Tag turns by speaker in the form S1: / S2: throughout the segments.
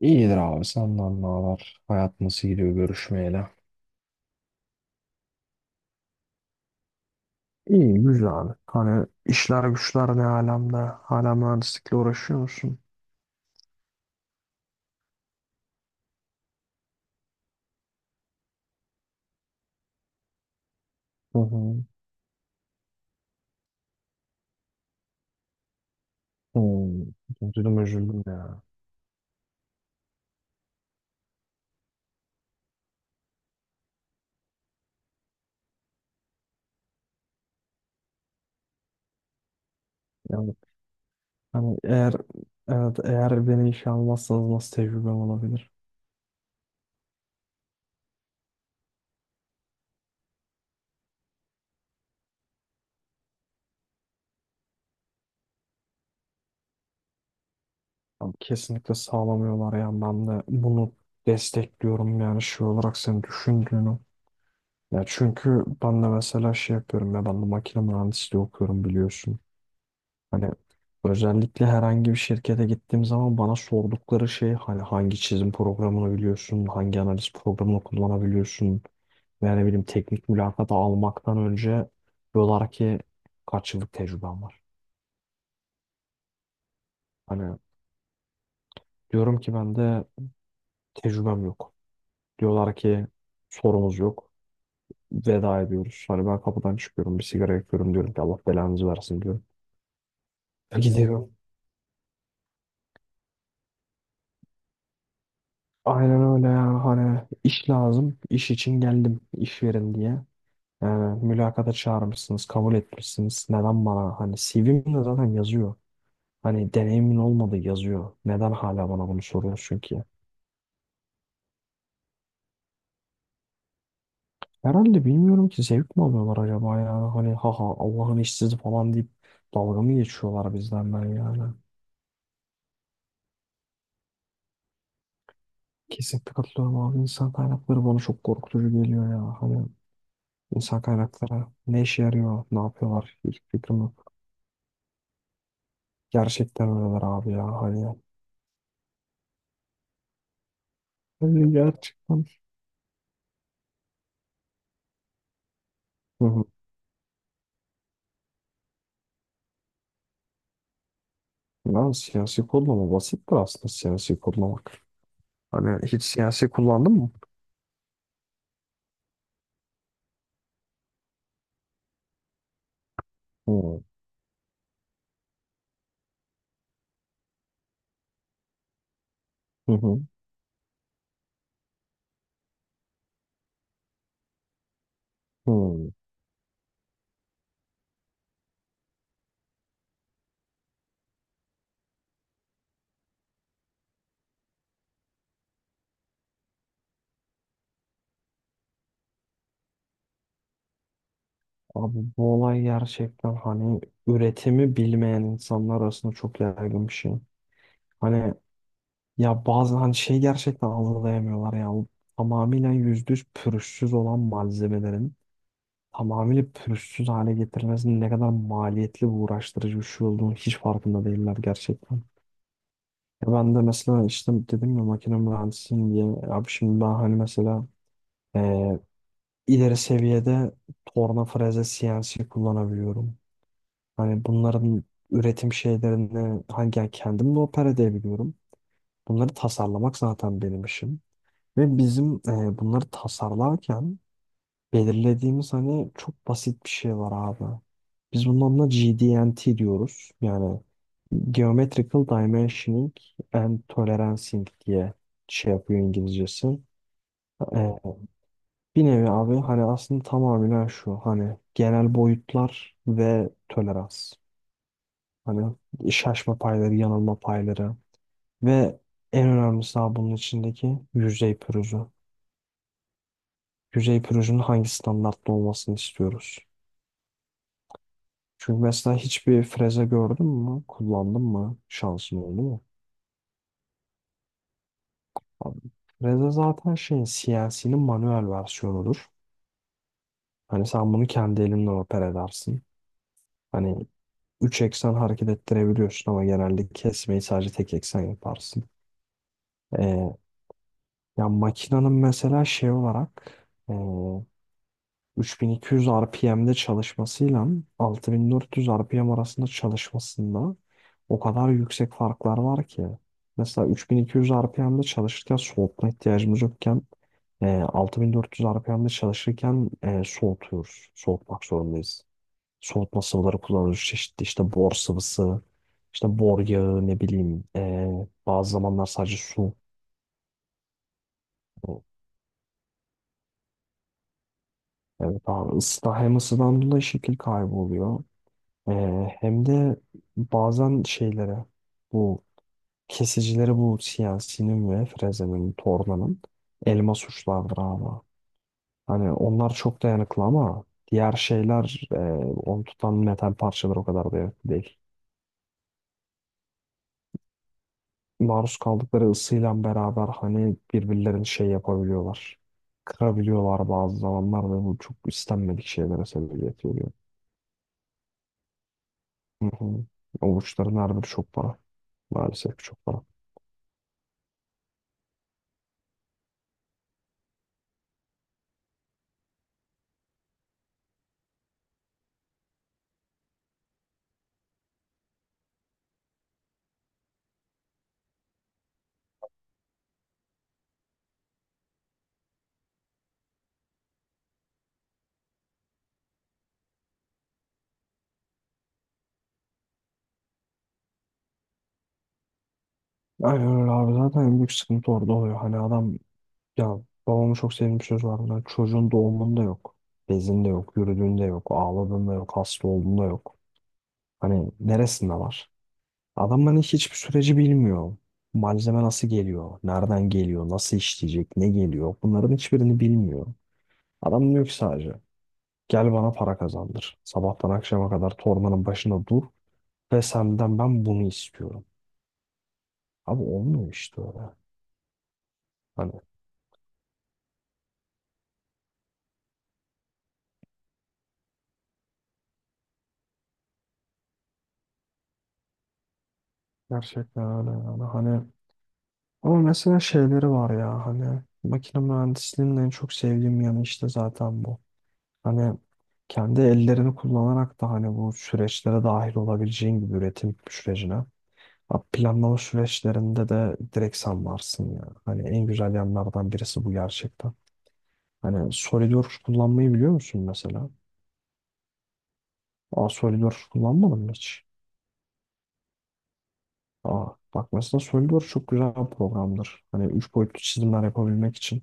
S1: İyidir abi senden ne haber? Hayat nasıl gidiyor görüşmeyeli? İyi güzel abi. Hani işler güçler ne alemde? Hala mühendislikle uğraşıyor musun? Hı hı. Hmm. Üzüldüm üzüldüm ya. Yani hani eğer evet eğer beni işe almazsanız nasıl tecrübem olabilir? Abi kesinlikle sağlamıyorlar yani ben de bunu destekliyorum yani şey olarak senin düşündüğünü. Ya çünkü ben de mesela şey yapıyorum ya ben de makine mühendisliği okuyorum biliyorsun. Hani özellikle herhangi bir şirkete gittiğim zaman bana sordukları şey hani hangi çizim programını biliyorsun, hangi analiz programını kullanabiliyorsun veya ne bileyim teknik mülakata almaktan önce diyorlar ki kaç yıllık tecrüben var. Hani diyorum ki ben de tecrübem yok. Diyorlar ki sorumuz yok. Veda ediyoruz. Hani ben kapıdan çıkıyorum bir sigara yakıyorum diyorum ki Allah belanızı versin diyorum. Gidiyorum. Aynen öyle yani hani iş lazım. İş için geldim iş verin diye. Ee, mülakata çağırmışsınız, kabul etmişsiniz. Neden bana hani CV'mde zaten yazıyor. Hani deneyimin olmadı yazıyor. Neden hala bana bunu soruyorsun ki? Herhalde bilmiyorum ki zevk mi alıyorlar acaba ya? Hani haha Allah'ın işsizi falan deyip dalga mı geçiyorlar bizden ben yani. Kesinlikle katılıyorum abi. İnsan kaynakları bana çok korkutucu geliyor ya. Hani insan kaynakları ne işe yarıyor, ne yapıyorlar hiç fikrim yok. Gerçekten öyleler abi ya. Hani, hani gerçekten. Ben siyasi kodlama basittir aslında siyasi kodlamak. Hani hiç siyasi kullandın mı? Hı. Hı hı. Hı. Abi bu olay gerçekten hani üretimi bilmeyen insanlar arasında çok yaygın bir şey. Hani ya bazı hani şey gerçekten algılayamıyorlar ya. Bu tamamıyla %100 pürüzsüz olan malzemelerin tamamıyla pürüzsüz hale getirilmesinin ne kadar maliyetli ve uğraştırıcı bir şey olduğunu hiç farkında değiller gerçekten. Ya ben de mesela işte dedim ya makine mühendisiyim diye. Abi şimdi ben hani mesela eee, ileri seviyede torna freze CNC kullanabiliyorum. Hani bunların üretim şeylerini hangi yani kendim de opera edebiliyorum. Bunları tasarlamak zaten benim işim. Ve bizim bunları tasarlarken belirlediğimiz hani çok basit bir şey var abi. Biz bunun adına GDNT diyoruz. Yani Geometrical Dimensioning and Tolerancing diye şey yapıyor İngilizcesi. Ee, bir nevi abi hani aslında tamamen şu hani genel boyutlar ve tolerans. Hani şaşma payları, yanılma payları ve en önemlisi abi bunun içindeki yüzey pürüzü. Yüzey pürüzünün hangi standartta olmasını istiyoruz. Çünkü mesela hiçbir freze gördün mü? Kullandın mı? Şansın oldu mu? Abi, freze zaten şeyin CNC'nin manuel versiyonudur. Hani sen bunu kendi elinle oper edersin. Hani 3 eksen hareket ettirebiliyorsun ama genelde kesmeyi sadece tek eksen yaparsın. Ee, ya makinenin mesela şey olarak ee, 3200 RPM'de çalışmasıyla 6400 RPM arasında çalışmasında o kadar yüksek farklar var ki. Mesela 3200 RPM'de çalışırken soğutma ihtiyacımız yokken 6400 RPM'de çalışırken soğutuyoruz. Soğutmak zorundayız. Soğutma sıvıları kullanılıyor. Çeşitli işte bor sıvısı, işte bor yağı ne bileyim. Bazı zamanlar sadece su. Evet abi ısıda hem ısıdan dolayı şekil kaybı oluyor. Ee, hem de bazen şeylere bu kesicilere bu siyasinin ve frezenin, tornanın elma suçlardır abi. Hani onlar çok dayanıklı ama diğer şeyler onu tutan metal parçalar o kadar dayanıklı değil. Maruz kaldıkları ısıyla beraber hani birbirlerini şey yapabiliyorlar. Kırabiliyorlar bazı zamanlar ve bu çok istenmedik şeylere sebebiyet veriyor. Hı hı. O uçların her biri çok para. Maalesef ki çok para. Aynen öyle abi zaten en büyük sıkıntı orada oluyor. Hani adam ya babamın çok sevdiğim bir söz var. Hani çocuğun doğumunda yok. Bezinde yok, yürüdüğünde yok, ağladığında yok, hasta olduğunda yok. Hani neresinde var? Adam hani hiçbir süreci bilmiyor. Malzeme nasıl geliyor, nereden geliyor, nasıl işleyecek, ne geliyor bunların hiçbirini bilmiyor. Adam diyor ki sadece gel bana para kazandır. Sabahtan akşama kadar torbanın başında dur ve senden ben bunu istiyorum. Abi olmuyor işte öyle. Hani gerçekten öyle yani. Hani ama mesela şeyleri var ya hani makine mühendisliğinin en çok sevdiğim yanı işte zaten bu. Hani kendi ellerini kullanarak da hani bu süreçlere dahil olabileceğin gibi üretim sürecine. Ha, planlama süreçlerinde de direkt sen varsın ya. Hani en güzel yanlardan birisi bu gerçekten. Hani SolidWorks kullanmayı biliyor musun mesela? Aa SolidWorks kullanmadın mı hiç? Aa bak mesela SolidWorks çok güzel bir programdır. Hani üç boyutlu çizimler yapabilmek için.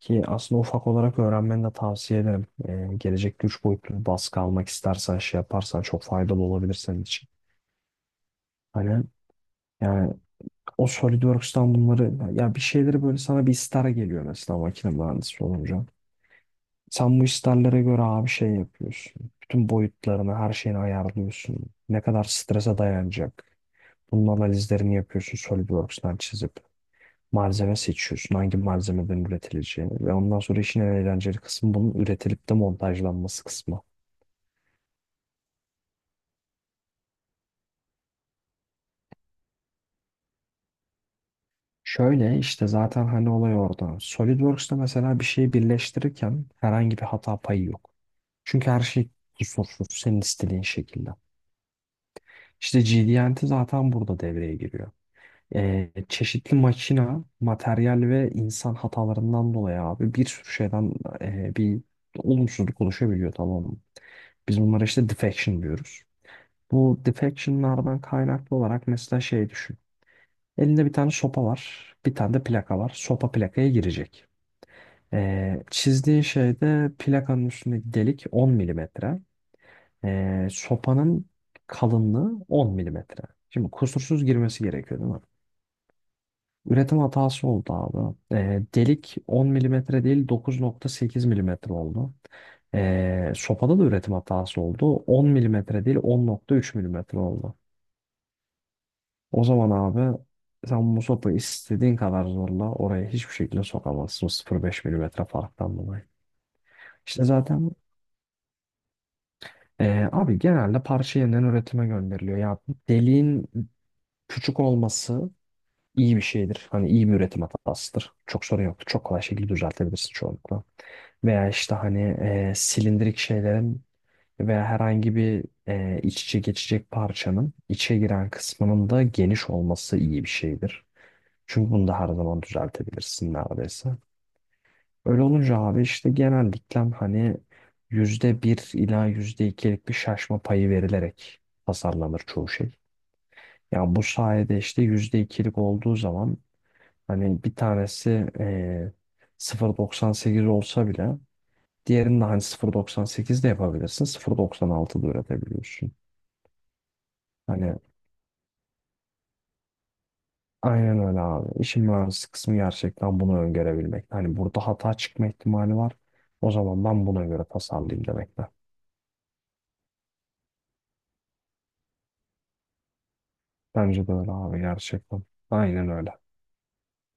S1: Ki aslında ufak olarak öğrenmeni de tavsiye ederim. Gelecekte üç boyutlu bir baskı almak istersen şey yaparsan çok faydalı olabilir senin için. Hani yani o SolidWorks'tan bunları ya bir şeyleri böyle sana bir ister geliyor mesela makine mühendisi olunca. Sen bu isterlere göre abi şey yapıyorsun. Bütün boyutlarını, her şeyini ayarlıyorsun. Ne kadar strese dayanacak. Bunun analizlerini yapıyorsun SolidWorks'tan çizip. Malzeme seçiyorsun. Hangi malzemeden üretileceğini. Ve ondan sonra işin en eğlenceli kısmı bunun üretilip de montajlanması kısmı. Şöyle işte zaten hani olay orada. SolidWorks'ta mesela bir şeyi birleştirirken herhangi bir hata payı yok. Çünkü her şey kusursuz senin istediğin şekilde. İşte G D GD&T zaten burada devreye giriyor. Çeşitli makina, materyal ve insan hatalarından dolayı abi bir sürü şeyden bir olumsuzluk oluşabiliyor tamam mı? Biz bunlara işte defection diyoruz. Bu defectionlardan kaynaklı olarak mesela şey düşün. Elinde bir tane sopa var, bir tane de plaka var. Sopa plakaya girecek. Çizdiğin şeyde plakanın üstündeki delik 10 milimetre. Sopanın kalınlığı 10 milimetre. Şimdi kusursuz girmesi gerekiyor değil mi? Üretim hatası oldu abi. Delik 10 milimetre değil 9.8 milimetre oldu. Sopada da üretim hatası oldu. 10 milimetre değil 10.3 milimetre oldu. O zaman abi sen bu sopayı istediğin kadar zorla oraya hiçbir şekilde sokamazsın. 0.5 milimetre farktan dolayı. İşte zaten abi genelde parça yeniden üretime gönderiliyor. Ya deliğin küçük olması iyi bir şeydir. Hani iyi bir üretim hatasıdır. Çok sorun yoktur. Çok kolay şekilde düzeltebilirsin çoğunlukla. Veya işte hani silindirik şeylerin veya herhangi bir iç içe geçecek parçanın içe giren kısmının da geniş olması iyi bir şeydir. Çünkü bunu da her zaman düzeltebilirsin neredeyse. Öyle olunca abi işte genellikle hani %1 ila yüzde ikilik bir şaşma payı verilerek tasarlanır çoğu şey. Yani bu sayede işte %2'lik olduğu zaman hani bir tanesi eee 0.98 olsa bile diğerini de hani 0.98 de yapabilirsin. 0.96 da üretebiliyorsun. Hani aynen öyle abi. İşin mühendislik kısmı gerçekten bunu öngörebilmek. Hani burada hata çıkma ihtimali var. O zaman ben buna göre tasarlayayım demekle. Bence de öyle abi gerçekten. Aynen öyle.